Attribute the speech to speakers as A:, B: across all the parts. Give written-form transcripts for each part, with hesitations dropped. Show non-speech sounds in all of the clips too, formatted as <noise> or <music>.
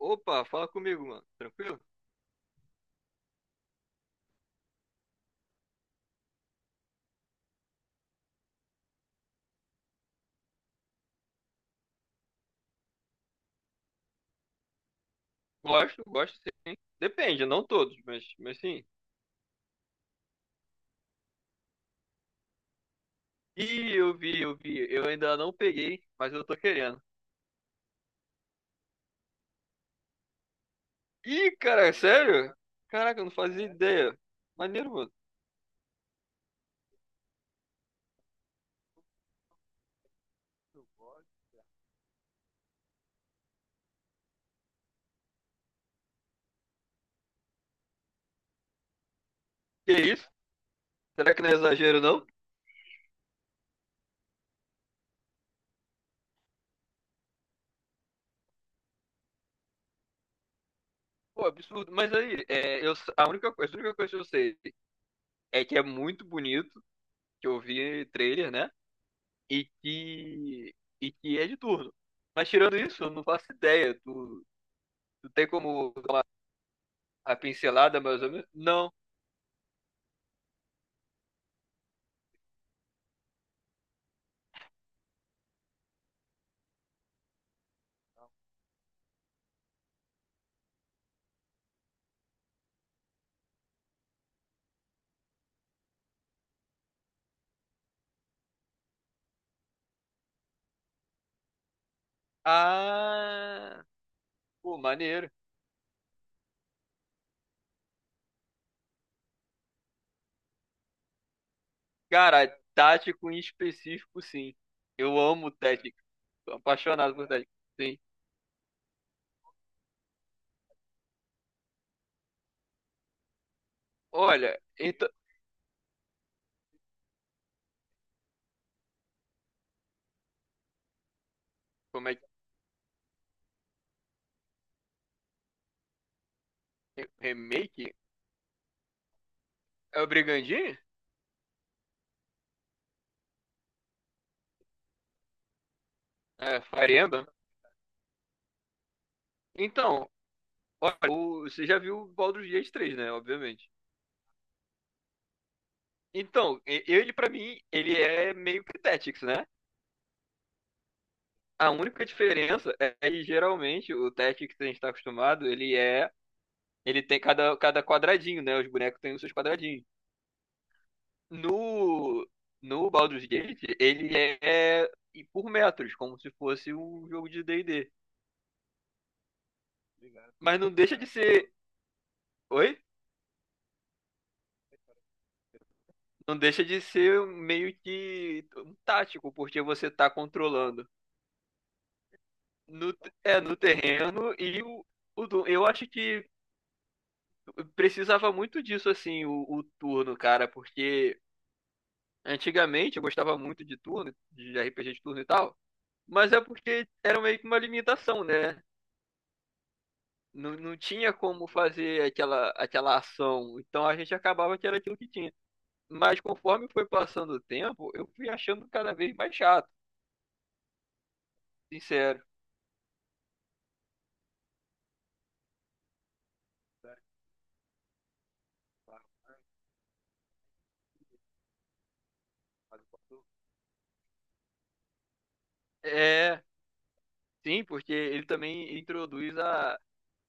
A: Opa, fala comigo, mano. Tranquilo? Gosto, gosto sim. Depende, não todos, mas sim. Ih, eu vi, eu vi. Eu ainda não peguei, mas eu tô querendo. Ih, cara, sério? Caraca, eu não fazia ideia. Maneiro, mano. Que isso? Será que não é exagero, não? Pô, absurdo. Mas aí, a única coisa que eu sei é que é muito bonito, que eu vi trailer, né? E que, e que é de turno. Mas tirando isso, eu não faço ideia. Tu tem como. A pincelada, mais ou menos? Não. Ah, pô, maneiro. Cara, tático em específico, sim. Eu amo técnico. Sou apaixonado por técnico, sim. Olha, então. Como é que. É? Remake? É o Brigandinho? É, Fire Emblem? Então, olha, você já viu o Baldur's Gate 3, né? Obviamente. Então, ele pra mim, ele é meio que Tactics, né? A única diferença é que geralmente o Tactics que a gente tá acostumado, ele é. Ele tem cada quadradinho, né? Os bonecos têm os seus quadradinhos. No, no Baldur's Gate, ele é e por metros, como se fosse um jogo de D&D. Ligado. Mas não deixa de ser. Oi? Não deixa de ser meio que um tático, porque você tá controlando no, no terreno e eu acho que precisava muito disso, assim, o turno, cara, porque antigamente eu gostava muito de turno, de RPG de turno e tal. Mas é porque era meio que uma limitação, né? Não, não tinha como fazer aquela ação. Então a gente acabava que era aquilo que tinha. Mas conforme foi passando o tempo, eu fui achando cada vez mais chato, sincero. É, sim, porque ele também introduz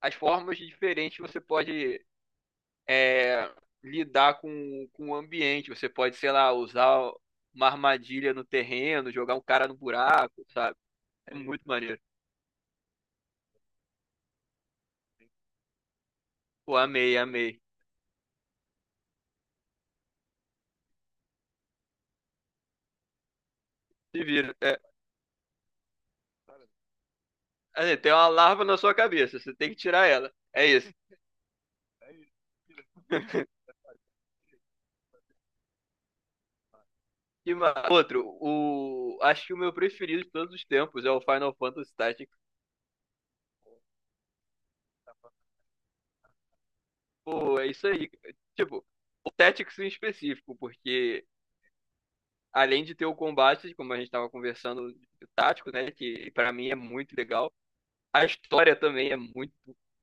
A: as formas diferentes que você pode, é, lidar com o ambiente. Você pode, sei lá, usar uma armadilha no terreno, jogar um cara no buraco, sabe? É muito maneiro. Pô, amei, amei. Se vira. É, assim, tem uma larva na sua cabeça, você tem que tirar ela. É isso. E outro, o... acho que o meu preferido de todos os tempos é o Final Fantasy Tactics. Pô, é isso aí. Tipo, o Tactics em específico, porque além de ter o combate, como a gente tava conversando, o tático, né, que pra mim é muito legal, a história também é muito,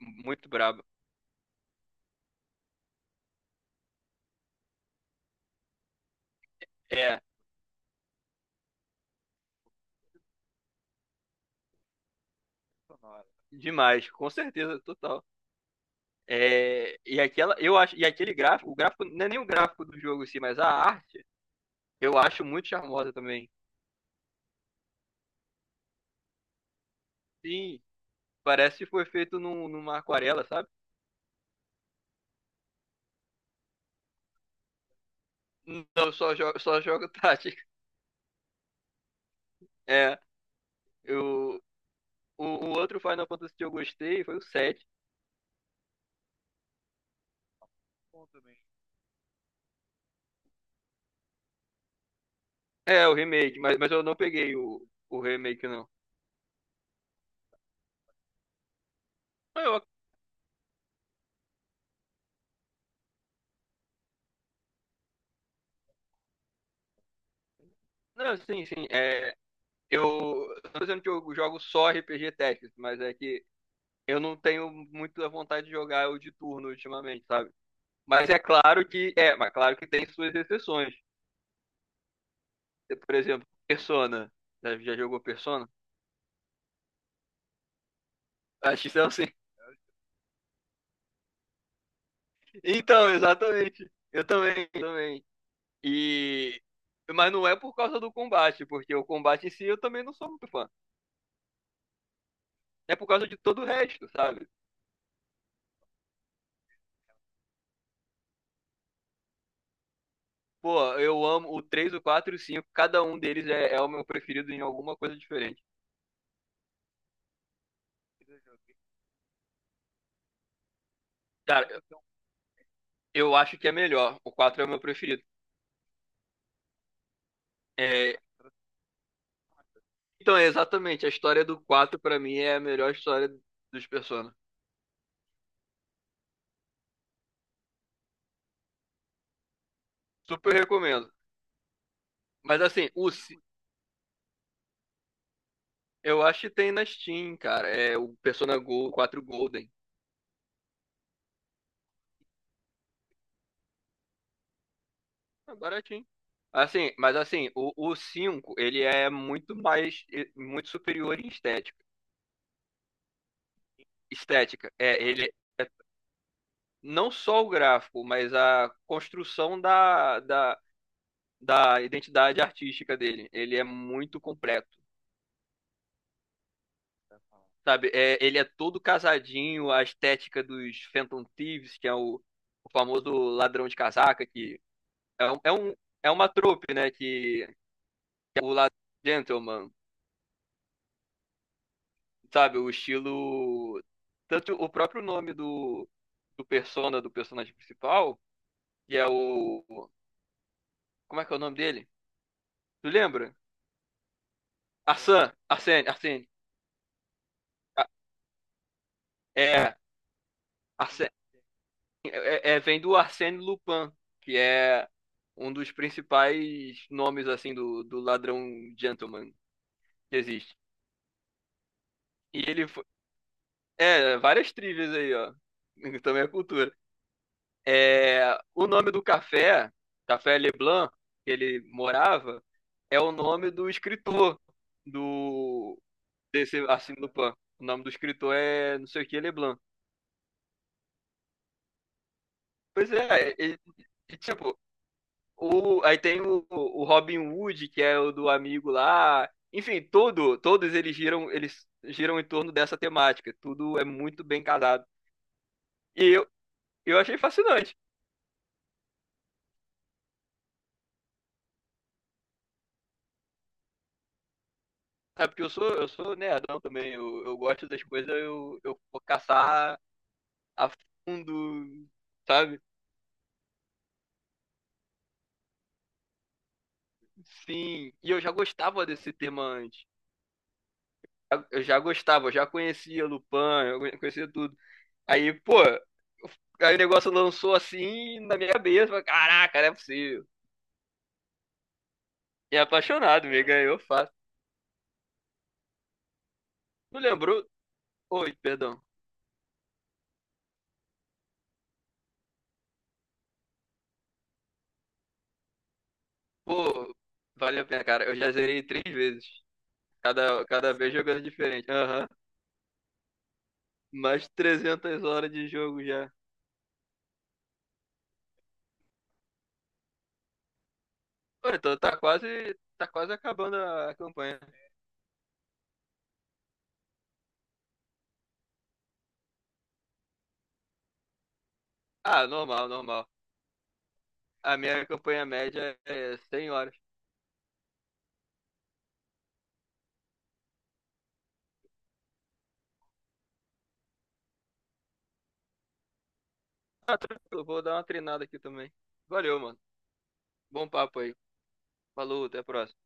A: muito braba. É, demais, com certeza, total. É, e aquela, eu acho, e aquele gráfico, o gráfico não é nem o gráfico do jogo em si, mas a arte, eu acho muito charmosa também. Sim, parece que foi feito numa aquarela, sabe? Não, só jogo <laughs> tática. É, eu, o outro Final Fantasy que eu gostei foi o 7. Bom também. É, o remake, mas eu não peguei o remake, não. Eu, não, sim, sim. É, eu tô dizendo que eu jogo só RPG Tactics, mas é que eu não tenho muito a vontade de jogar o de turno ultimamente, sabe? Mas é claro que é, mas claro que tem suas exceções. Por exemplo, Persona. Já, já jogou Persona? Acho que sim. Então, exatamente. Eu também, eu também. E mas não é por causa do combate, porque o combate em si eu também não sou muito fã. É por causa de todo o resto, sabe? Pô, eu amo o 3, o 4 e o 5 cada um deles é, é o meu preferido em alguma coisa diferente. Cara, eu acho que é melhor. O 4 é o meu preferido. É. Então, é exatamente, a história do 4 pra mim é a melhor história dos Persona. Super recomendo. Mas assim, eu acho que tem na Steam, cara. É o Persona Go 4 Golden. É baratinho. Assim, mas assim, o 5, ele é muito mais, muito superior em estética. Estética. É, ele é não só o gráfico, mas a construção da identidade artística dele. Ele é muito completo. Sabe, é, ele é todo casadinho, a estética dos Phantom Thieves, que é o famoso ladrão de casaca, que é, um, é, um, é uma trope, né? Que é o ladrão gentleman, sabe? O estilo. Tanto o próprio nome do persona, do personagem principal, que é o. Como é que é o nome dele? Tu lembra? Arsene, Arsene, Arsene. A-. É. Vem do Arsène Lupin, que é um dos principais nomes assim do ladrão gentleman que existe. E ele foi, é, várias trivias aí, ó. <laughs> Também é cultura. É, o nome do café, Café Leblanc, que ele morava, é o nome do escritor do desse Arsène Lupin. O nome do escritor é não sei o que Leblanc. Pois é, e tipo. O, aí tem o Robin Hood, que é o do amigo lá. Enfim, todos eles giram em torno dessa temática. Tudo é muito bem casado. E eu achei fascinante. Sabe, porque eu sou nerdão também. Eu gosto das coisas, eu vou caçar a fundo, sabe? Sim. E eu já gostava desse tema antes. Eu já gostava, eu já conhecia Lupin, eu conhecia tudo. Aí, pô, aí o negócio lançou assim na minha cabeça. Falei, caraca, não é possível. E apaixonado, me ganhou fácil. Não lembrou? Oi, perdão. Pô, valeu a pena, cara. Eu já zerei três vezes. Cada, cada vez jogando diferente. Aham. Mais 300 horas de jogo já. Pô, então tá quase acabando a campanha. Ah, normal, normal. A minha campanha média é 100 horas. Ah, tranquilo, vou dar uma treinada aqui também. Valeu, mano. Bom papo aí. Falou, até a próxima.